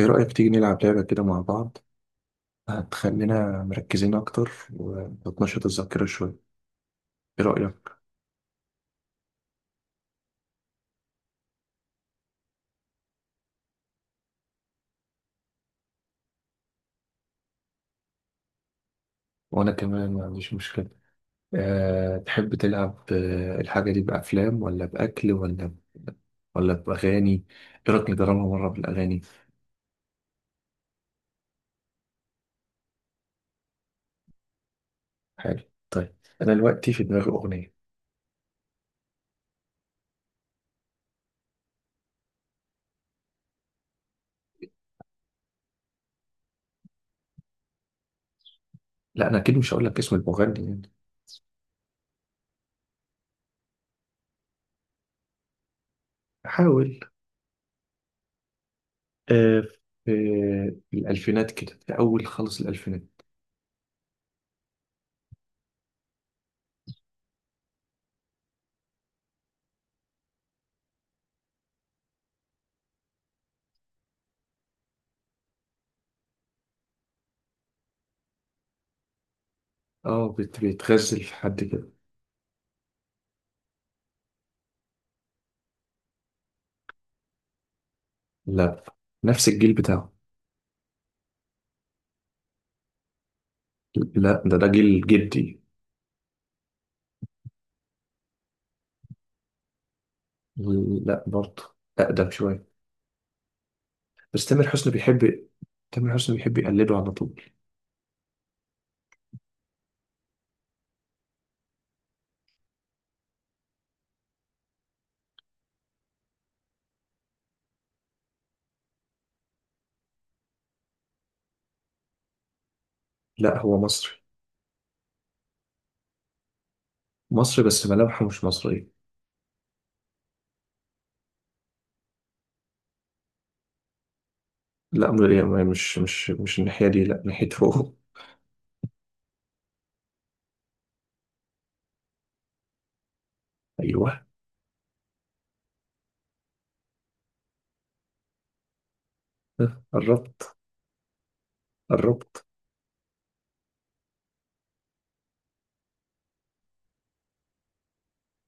ايه رأيك تيجي نلعب لعبة كده مع بعض؟ هتخلينا مركزين اكتر وتنشط الذاكرة شوية. ايه رأيك؟ وانا كمان ما عنديش مشكله. تحب تلعب، الحاجة دي بأفلام ولا بأكل ولا ولا بأغاني؟ ايه رأيك نجربها مرة بالأغاني؟ حلو. طيب. انا دلوقتي في دماغي أغنية. لا، انا اكيد مش هقول لك اسم المغني يعني. حاول. أه. في الألفينات كده، في أول خالص الألفينات. اه، بيتغزل في حد كده. لا. نفس الجيل بتاعه. لا، ده جيل جدي. لا، برضه. أقدم شوية. بس تامر حسني بيحب. تامر حسني بيحب يقلده على طول. لا، هو مصري. مصري بس ملامحه مش مصرية. لا، يعني مش الناحية دي، لا ناحيته هو. أيوه. ها، قربت. قربت.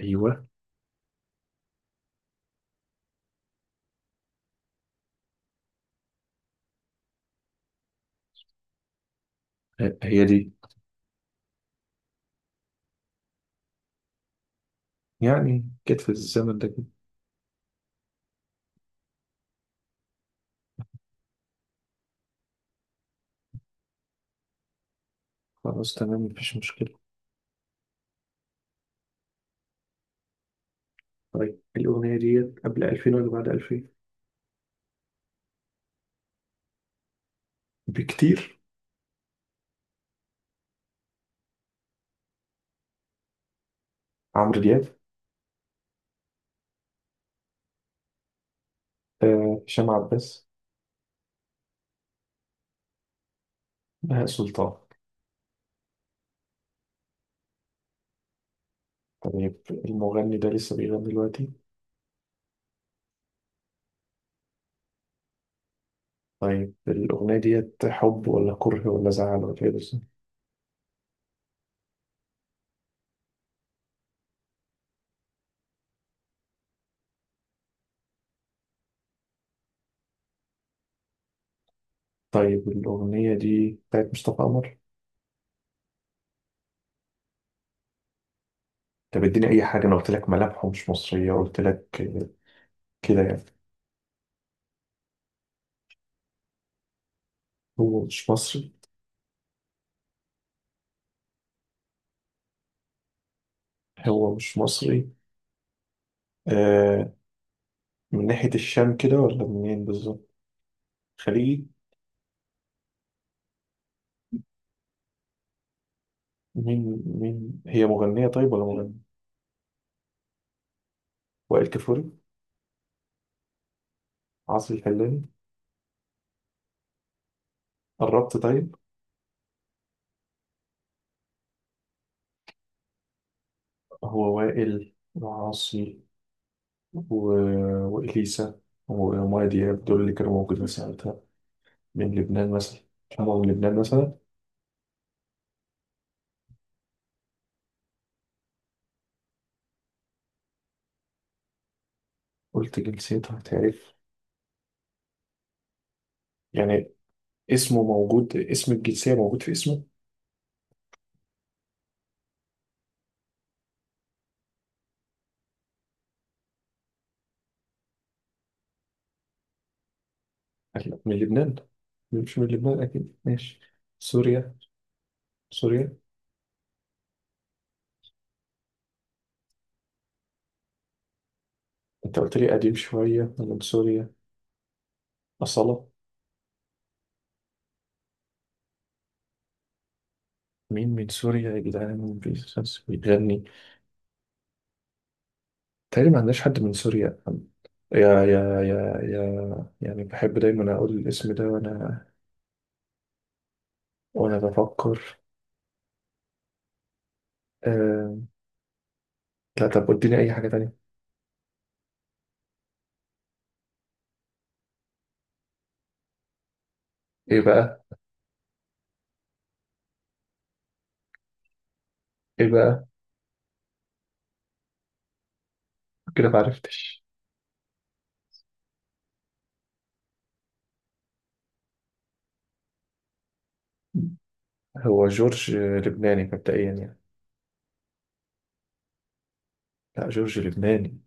أيوه. هي دي. يعني كانت في الزمن ده كده. خلاص، تمام، مفيش مشكلة. طيب، الأغنية دي قبل 2000 ولا بعد 2000؟ بكتير؟ عمرو دياب؟ آه، هشام عباس؟ بهاء سلطان؟ طيب، المغني ده لسه بيغني دلوقتي؟ طيب، الأغنية ديت حب ولا كره ولا زعل ولا إيه بالظبط؟ طيب، الأغنية دي بتاعت مصطفى قمر؟ طب اديني أي حاجة، أنا قلت لك ملامحه مش مصرية، قلت لك. كده يعني. هو مش مصري؟ هو مش مصري. آه. من ناحية الشام كده ولا منين بالظبط؟ خليجي؟ مين هي مغنية طيب ولا مغني؟ وائل كفوري؟ عاصي الحلاني؟ قربت طيب. هو وائل وعاصي و... وإليسا ومايا دياب، دول اللي كانوا موجودين ساعتها. من لبنان مثلا. هما من لبنان مثلا؟ قلت جنسيتها هتعرف. يعني. اسمه موجود، اسم الجنسية موجود في اسمه. أكيد من لبنان. مش من لبنان، أكيد، ماشي. سوريا. سوريا. أنت قلت لي قديم شوية، أنا من سوريا. أصالة؟ مين من سوريا يا جدعان، مين بيغني؟ تقريبا ما عندناش حد من سوريا. يا يا يا يا يعني بحب دايما أقول الاسم ده وأنا بفكر. آه... لا، طب اديني اي حاجة تانية. ايه بقى؟ ايه بقى؟ كده ما عرفتش. هو جورج لبناني مبدئيا يعني. لا، جورج لبناني.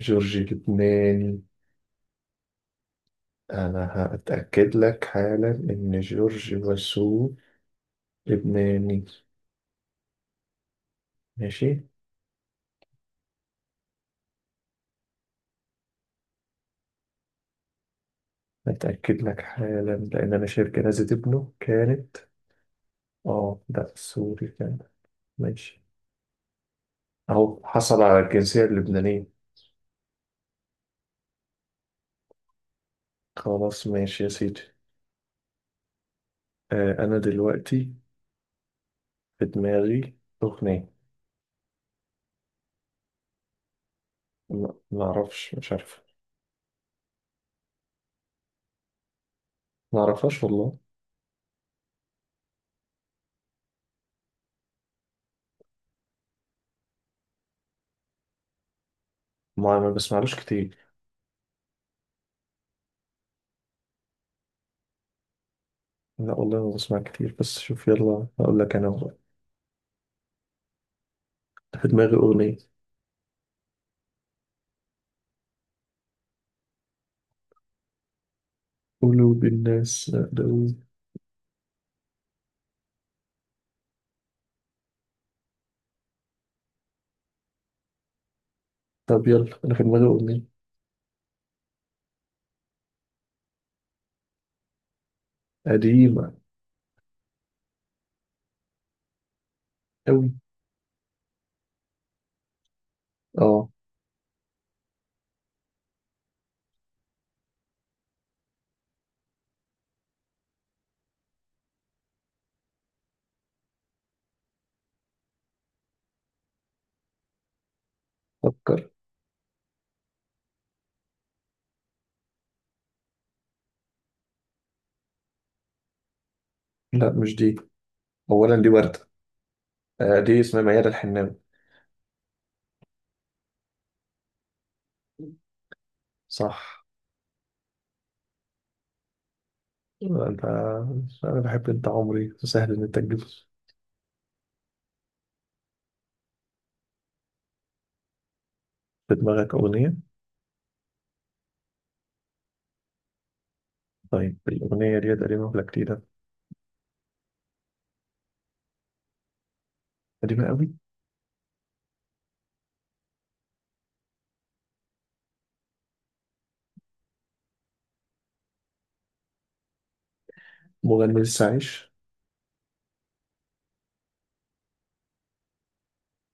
جورج لبناني. انا هتأكد لك حالا ان جورج وسوف لبناني. ماشي. هتأكد لك حالا لان انا شايف جنازة ابنه كانت. اه، لا، سوري كان. ماشي. اهو حصل على الجنسية اللبنانية. خلاص، ماشي يا سيدي. آه، انا دلوقتي في دماغي اغنية. لا، ما اعرفش، مش عارف. ما اعرفهاش والله. ما بسمعلوش كتير. لا والله، ما بسمع كتير، بس شوف، يلا هقول لك انا والله. في دماغي اغنيه. قلوب الناس مقلوب. طب يلا، انا في دماغي اغنيه. قديمه قوي. اه. فكر. لا، مش دي. اولا دي ورده. آه، دي اسمها ميادة الحناوي. صح. انت. انا بحب انت عمري، سهل ان انت تجيب. في دماغك اغنيه. طيب، الاغنيه دي قديمه ولا جديده؟ قديمه قوي؟ مغني لسه عايش؟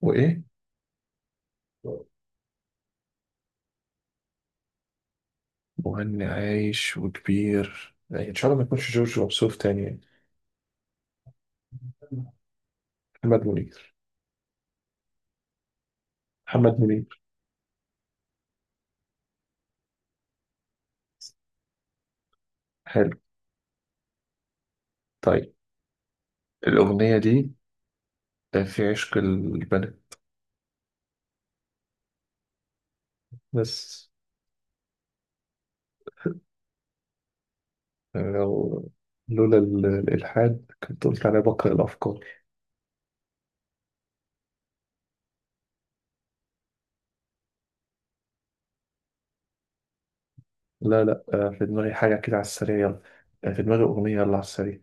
وايه؟ مغني عايش وكبير يعني، ان شاء الله ما يكونش جورج وسوف تاني يعني. محمد منير؟ محمد منير؟ حلو. طيب. الأغنية دي في عشق البنات. بس. لو لولا الإلحاد كنت قلت عليها بقرأ الأفكار. لا، لا، في دماغي حاجة كده على السريع، يلا. في دماغي أغنية، يلا على السريع.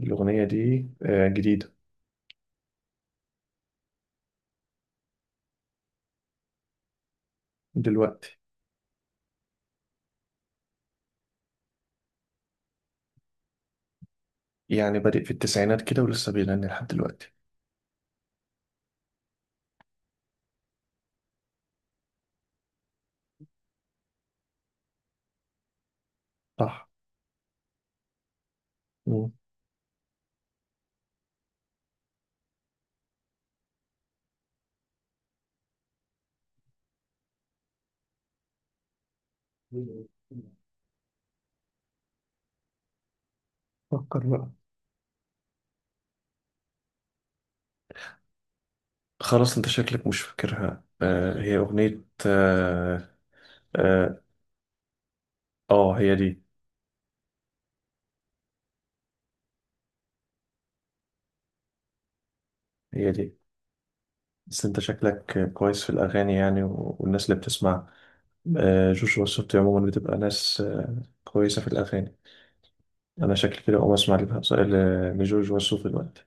الأغنية دي جديدة. دلوقتي. يعني بادئ في التسعينات كده ولسه بيغني لحد دلوقتي. صح. مم. فكر بقى. خلاص، انت شكلك مش فاكرها، آه هي اغنية آه. آه، هي دي. هي دي. بس انت شكلك كويس في الاغاني يعني، والناس اللي بتسمع، جوجو والسبتي عموما بتبقى ناس كويسة في الاغاني. انا شكلي كده اقوم اسمع لجوجو والسوف دلوقتي.